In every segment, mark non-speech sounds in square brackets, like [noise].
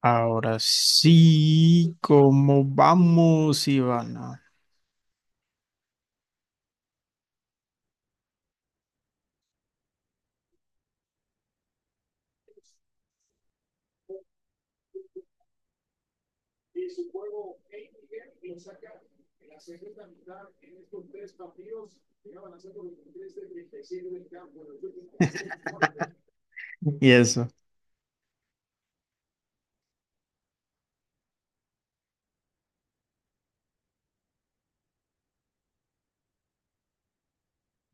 Ahora sí, ¿cómo vamos, Ivana? Y eso.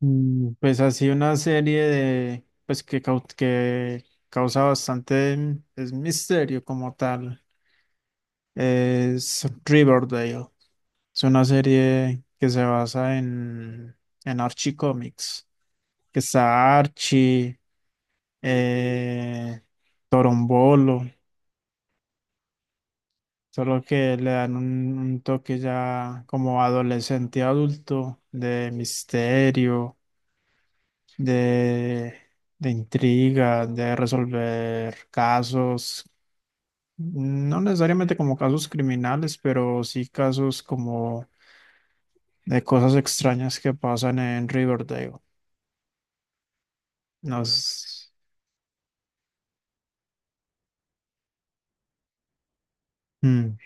Pues así una serie de, pues que, cau- que causa bastante es misterio como tal. Es Riverdale. Es una serie que se basa en Archie Comics, que está Archie, eh, Torombolo. Solo que le dan un toque ya como adolescente adulto, de misterio, de, de intriga, de resolver casos, no necesariamente como casos criminales, pero sí casos como de cosas extrañas que pasan en Riverdale. Nos. Mm.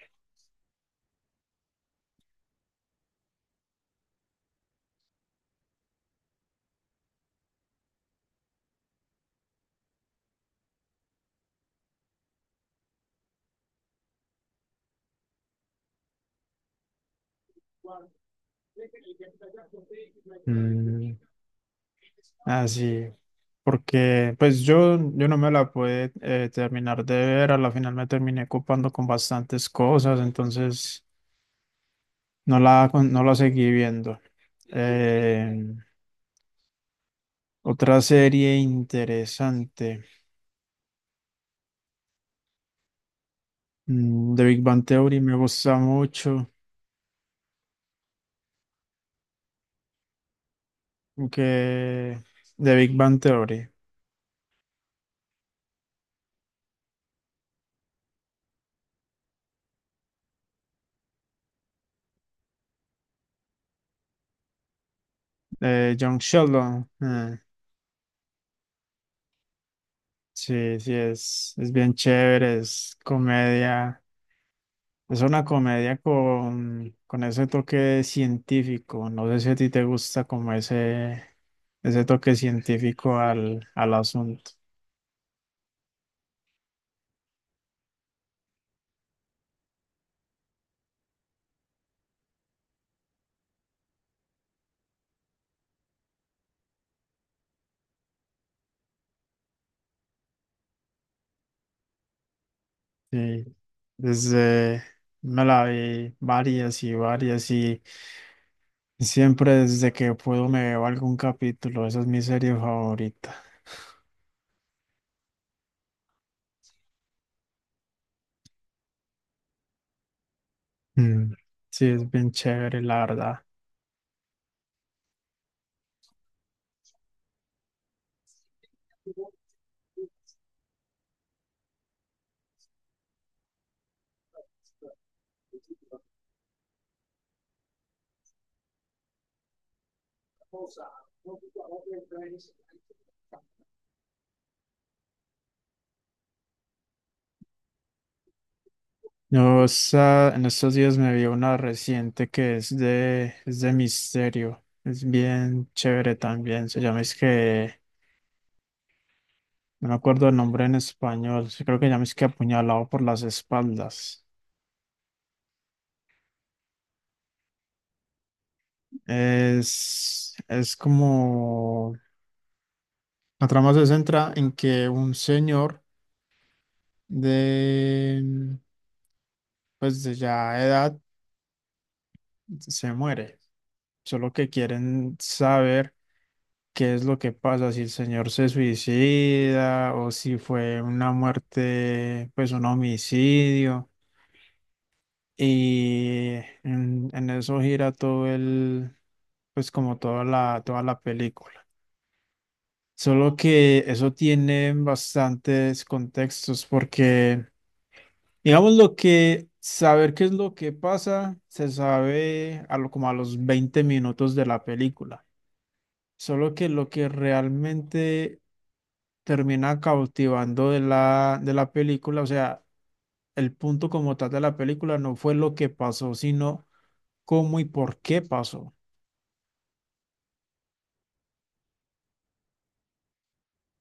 Así, porque pues yo no me la pude terminar de ver, a la final me terminé ocupando con bastantes cosas, entonces no la seguí viendo. Eh, Otra serie interesante, de Big Bang Theory, me gusta mucho, que de Big Bang Theory, de John Sheldon, sí, sí, es bien chévere, es comedia. Es una comedia con ese toque científico. No sé si a ti te gusta como ese toque científico al asunto. Sí. Desde me la vi varias y varias y siempre desde que puedo me veo algún capítulo. Esa es mi serie favorita. Mm. Sí, es bien chévere, la verdad. Yo en estos días me vi una reciente que es es de misterio. Es bien chévere también. Se llama es que, no me acuerdo el nombre en español. Sí, creo que se llama es que apuñalado por las espaldas. Es como, la trama se centra en que un señor de, pues de ya edad se muere. Solo que quieren saber qué es lo que pasa, si el señor se suicida o si fue una muerte, pues un homicidio. Y en eso gira todo el, pues como toda toda la película. Solo que eso tiene bastantes contextos porque, digamos, lo que saber qué es lo que pasa se sabe a lo, como a los 20 minutos de la película. Solo que lo que realmente termina cautivando de de la película. O sea, el punto como tal de la película no fue lo que pasó, sino cómo y por qué pasó.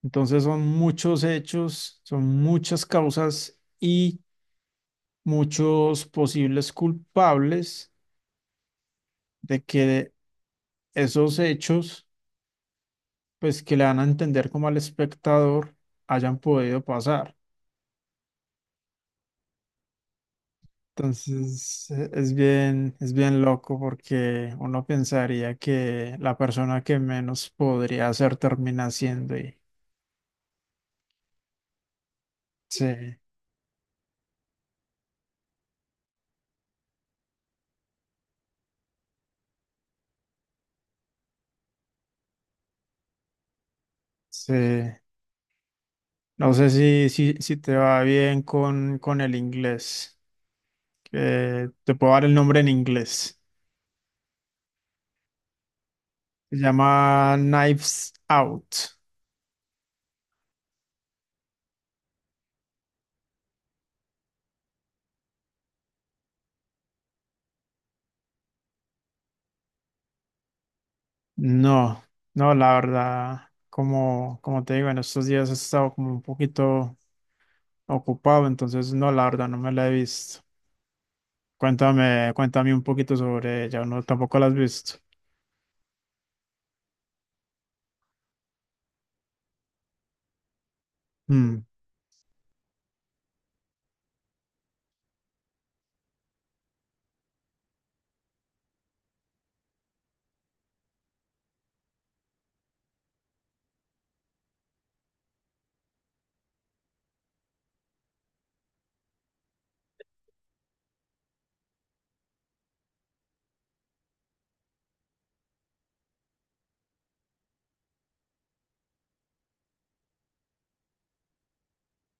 Entonces son muchos hechos, son muchas causas y muchos posibles culpables de que esos hechos, pues que le dan a entender como al espectador, hayan podido pasar. Entonces, es es bien loco porque uno pensaría que la persona que menos podría hacer termina siendo y sí, sí, no sé si te va bien con el inglés, que te puedo dar el nombre en inglés. Se llama Knives Out. No, no, la verdad, como te digo, en estos días he estado como un poquito ocupado, entonces no, la verdad, no me la he visto. Cuéntame, cuéntame un poquito sobre ella, no, tampoco la has visto. Mm,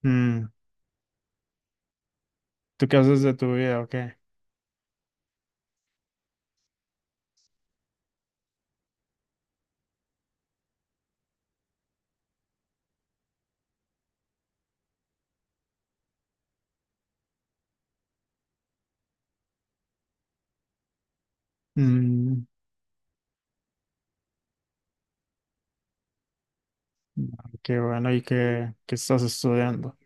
mm. ¿Tú qué haces de tu vida o qué? Mm, qué bueno, ¿y qué, qué estás estudiando?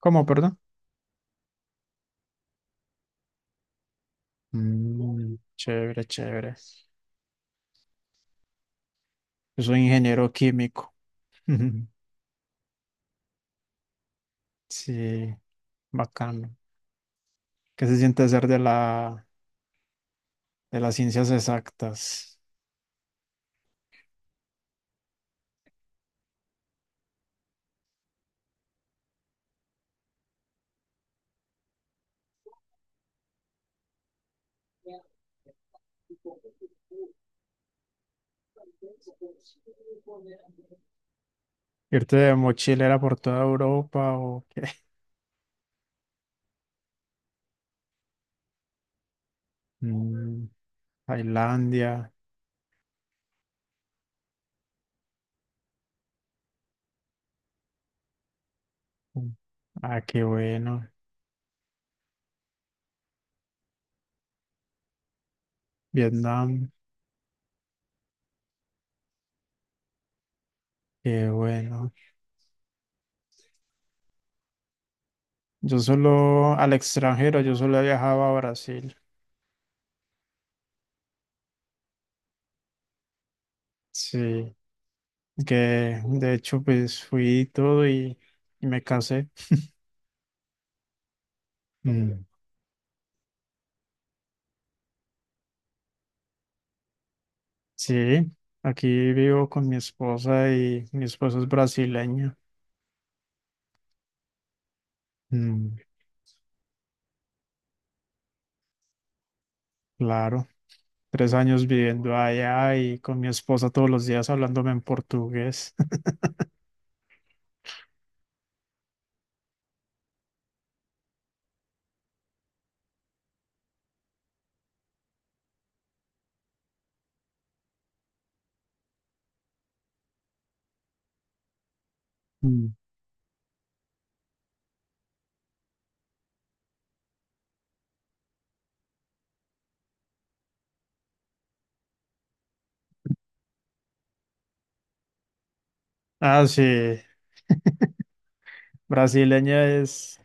¿Cómo, perdón? Mm, chévere, chévere. Yo soy ingeniero químico. [laughs] Sí, bacano. ¿Qué se siente ser de de las ciencias exactas? ¿Irte de mochilera por toda Europa o qué? [laughs] Mm, Tailandia. Ah, qué bueno. Vietnam, qué bueno. Yo solo al extranjero, yo solo he viajado a Brasil. Sí, que de hecho pues fui y todo y me casé. Mm. Sí, aquí vivo con mi esposa y mi esposa es brasileña. Mm, claro, 3 años viviendo allá y con mi esposa todos los días hablándome en portugués. [laughs] Mm. Ah, sí, brasileña es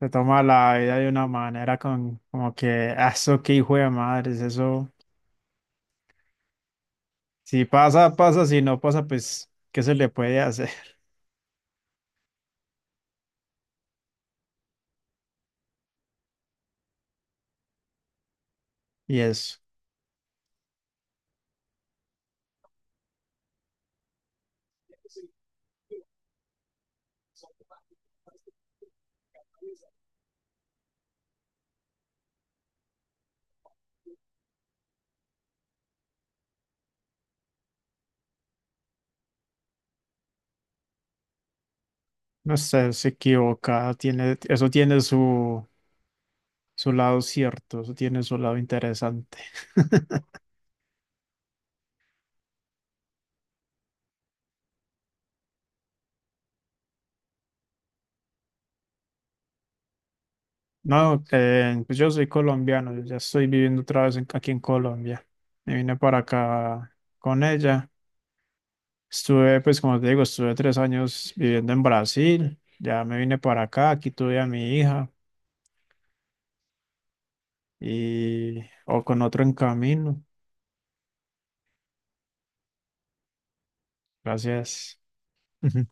se toma la vida de una manera con, como que: "Ah, eso qué hijo de madres, eso, si pasa, pasa, si no pasa, pues, ¿qué se le puede hacer?" [laughs] Y eso, no sé, se equivoca, tiene, eso tiene su, su lado cierto, eso tiene su lado interesante. [laughs] No, pues yo soy colombiano, yo ya estoy viviendo otra vez aquí en Colombia. Me vine para acá con ella. Estuve, pues como te digo, estuve 3 años viviendo en Brasil, ya me vine para acá, aquí tuve a mi hija y o con otro en camino. Gracias. [laughs] Ujú.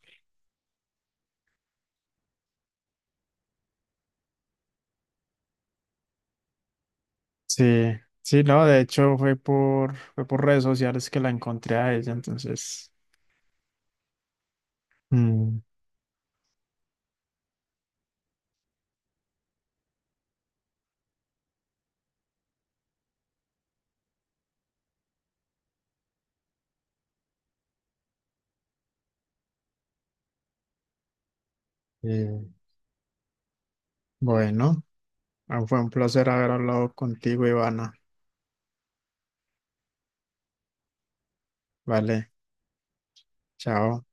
Sí, sí, no, de hecho fue fue por redes sociales que la encontré a ella, entonces, mm, eh, bueno, ah, fue un placer haber hablado contigo, Ivana. Vale, chao.